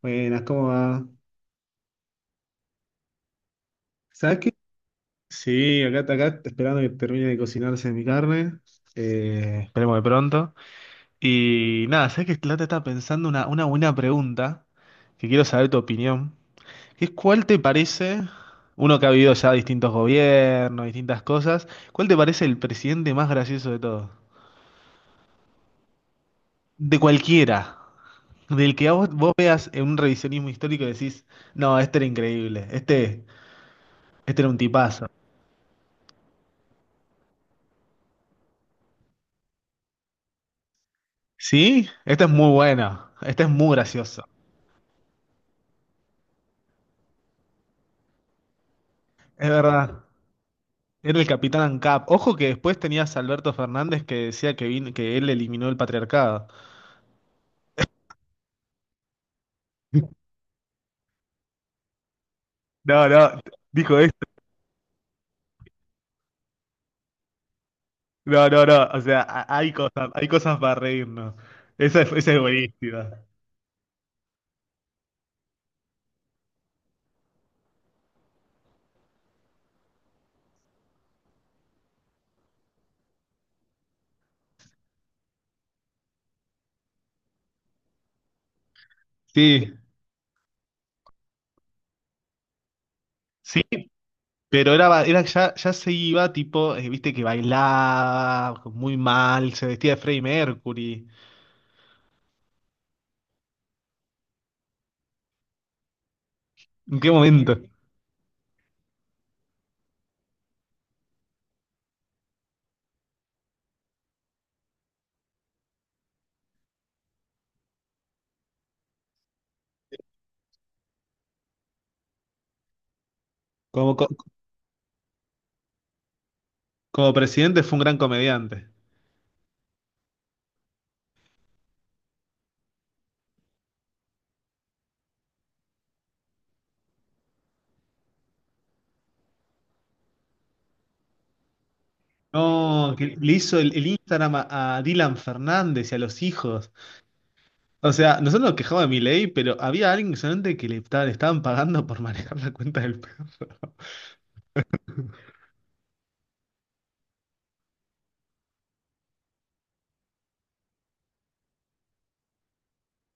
Buenas, ¿cómo va? ¿Sabes qué? Sí, acá esperando que termine de cocinarse mi carne. Esperemos de pronto. Y nada, ¿sabes qué? La está pensando una buena pregunta que quiero saber tu opinión. Que es ¿cuál te parece, uno que ha vivido ya distintos gobiernos, distintas cosas, ¿cuál te parece el presidente más gracioso de todos? De cualquiera. Del que a vos veas en un revisionismo histórico y decís, no, este era increíble, este era un tipazo. Sí, esta es muy buena. Esta es muy graciosa. Es verdad. Era el Capitán ANCAP. Ojo que después tenías a Alberto Fernández que decía que, que él eliminó el patriarcado. No, no, dijo esto. No, no, no. O sea, hay cosas para reírnos. Esa es buenísima. Sí, sí, pero era, era ya se iba, tipo, viste que bailaba muy mal, se vestía de Freddie Mercury. ¿En qué momento? Como, co- como presidente fue un gran comediante. No, que le hizo el Instagram a Dylan Fernández y a los hijos. O sea, nosotros nos quejamos de Milei, pero había alguien que solamente que le, le estaban pagando por manejar la cuenta del perro.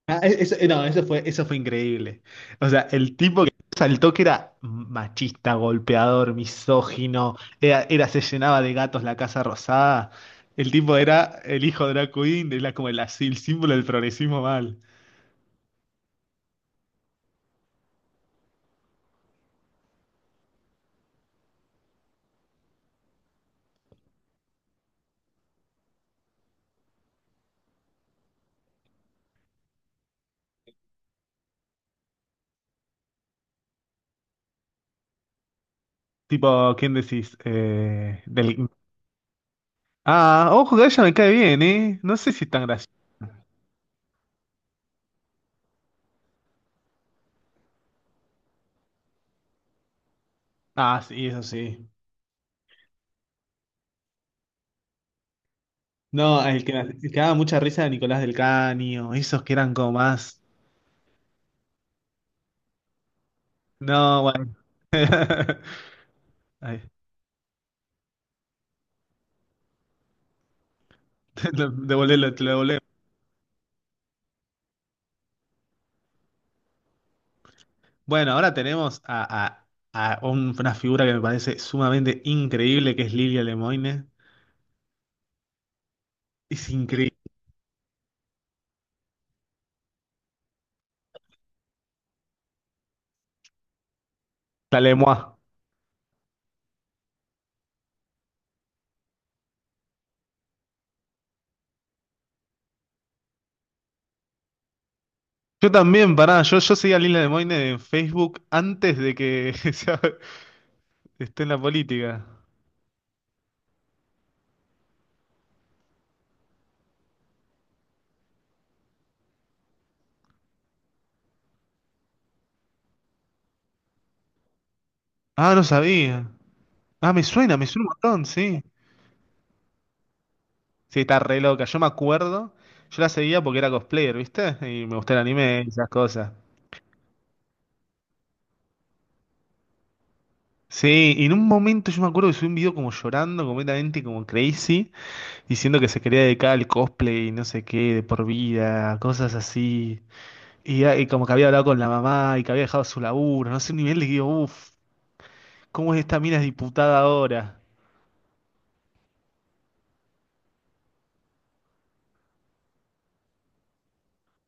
Ah, no, eso fue increíble. O sea, el tipo que saltó que era machista, golpeador, misógino, se llenaba de gatos la Casa Rosada. El tipo era el hijo de la Queen, era como el, así, el símbolo del progresismo mal. Tipo, ¿quién decís? Ah, ojo, que ella me cae bien, ¿eh? No sé si es tan gracioso. Ah, sí, eso sí. No, el que daba mucha risa era Nicolás del Caño, esos que eran como más. No, bueno. Ay, te lo devolé, te lo devolé. Bueno, ahora tenemos a, una figura que me parece sumamente increíble, que es Lilia Lemoine. Es increíble. La Lemoine. Yo también, pará, yo seguía a Lilia Lemoine en Facebook antes de que esté en la política. Ah, no sabía. Ah, me suena un montón, sí. Sí, está re loca. Yo me acuerdo, yo la seguía porque era cosplayer, ¿viste? Y me gustaba el anime y esas cosas. Sí, y en un momento yo me acuerdo que subí un video como llorando completamente, como crazy, diciendo que se quería dedicar al cosplay y no sé qué, de por vida, cosas así. Y, ah, y como que había hablado con la mamá y que había dejado su laburo, no sé, un nivel de que digo, uff, ¿cómo es esta mina es diputada ahora?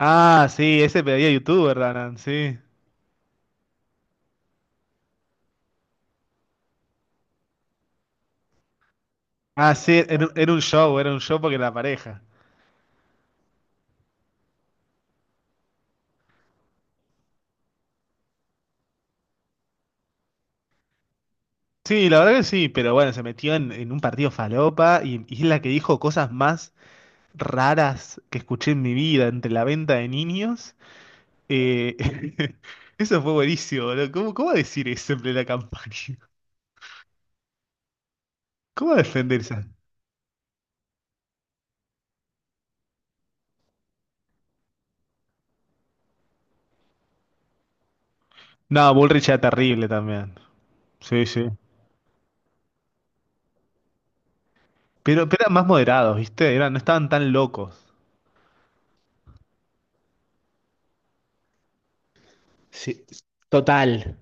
Ah, sí, ese pedía youtuber, Danan, sí. Ah, sí, era un show porque era la pareja. Sí, la verdad que sí, pero bueno, se metió en un partido falopa y es la que dijo cosas más raras que escuché en mi vida entre la venta de niños. Eh, eso fue buenísimo, boludo. Cómo decir eso en plena campaña? ¿Cómo defenderse? No, Bullrich era terrible también. Sí, sí. Pero eran más moderados, ¿viste? Eran, no estaban tan locos. Sí, total.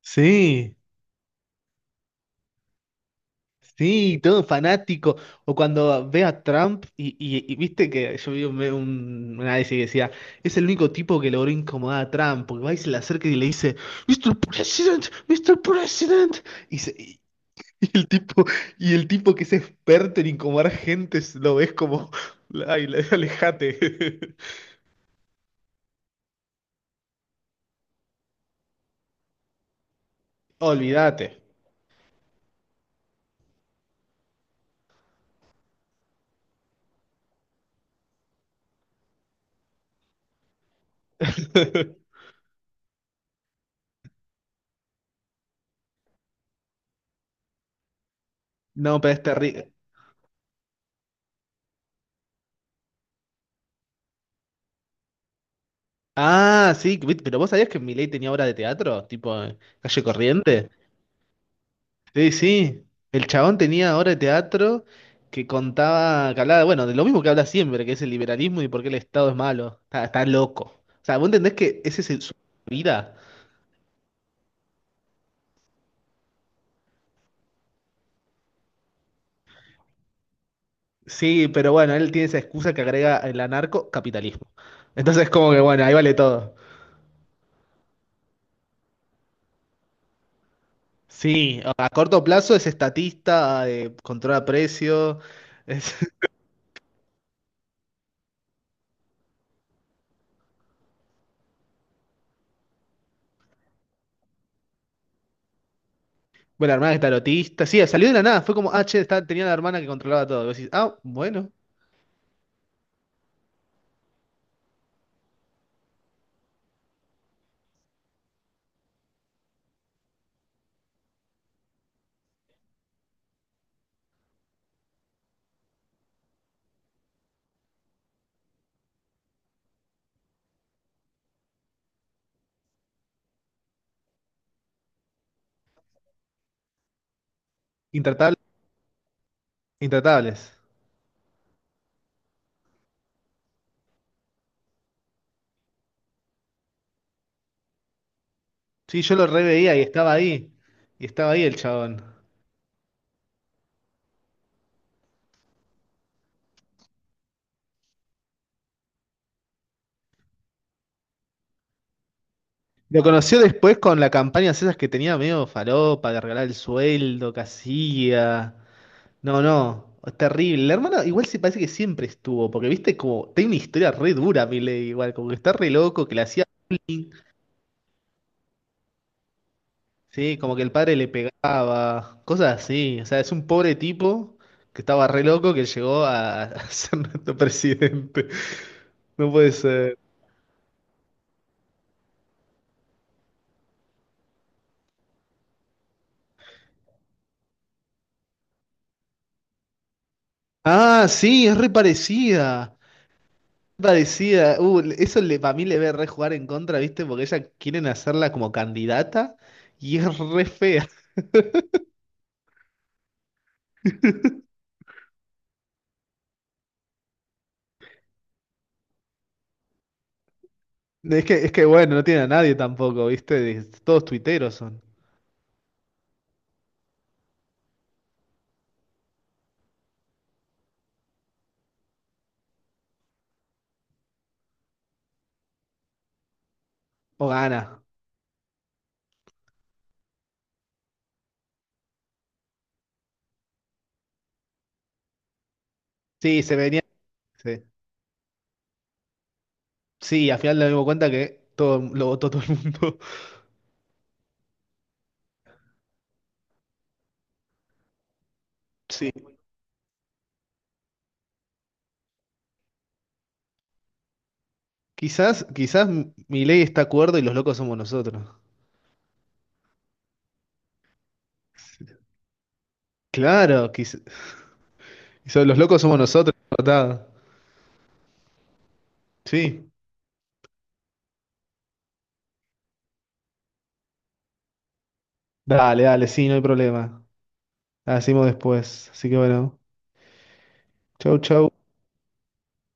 Sí. Sí, todo fanático. O cuando ve a Trump y, y viste que yo vi un, un análisis que decía, es el único tipo que logró incomodar a Trump, porque va y se le acerca y le dice, Mister President, Mister President. Y, y el tipo, y el tipo que es experto en incomodar gente, lo ves como, ay, alejate. Olvídate. No, pero es terrible. Ah, sí, ¿viste? Pero vos sabías que Milei tenía obra de teatro, tipo Calle Corriente. Sí, sí. El chabón tenía obra de teatro que contaba, que hablaba, bueno, de lo mismo que habla siempre, que es el liberalismo y por qué el Estado es malo. Está, está loco. O sea, ¿vos entendés que ese es su vida? Sí, pero bueno, él tiene esa excusa que agrega el anarcocapitalismo. Entonces, como que bueno, ahí vale todo. Sí, a corto plazo es estatista, controla precios, es, bueno, la hermana es tarotista. Sí, salió de la nada, fue como, ah, che, tenía la hermana que controlaba todo. Y vos decís, ah, bueno, intratable- intratables. Sí, yo lo reveía y estaba ahí. Y estaba ahí el chabón. Lo conoció después con la campaña esas que tenía medio falopa, de regalar el sueldo que hacía. No, no, es terrible. La hermana igual se parece que siempre estuvo, porque viste como, tiene una historia re dura, Milei, igual, como que está re loco, que le hacía bullying, sí, como que el padre le pegaba, cosas así. O sea, es un pobre tipo que estaba re loco que llegó a ser nuestro presidente. No puede ser. Ah, sí, es re parecida. Parecida, eso le, para mí le ve re jugar en contra, ¿viste? Porque ella quieren hacerla como candidata y es re fea. Es que bueno, no tiene a nadie tampoco, ¿viste? Es- Todos tuiteros son. O gana. Sí, se venía. Sí, Sí, al final nos dimos cuenta que todo lo votó todo el mundo. Sí. Quizás, quizás Milei está acuerdo y los locos somos nosotros. Sí. Claro, quizás, los locos somos nosotros, ¿verdad? Sí. Dale, dale, sí, no hay problema. La decimos después. Así que bueno. Chau, chau.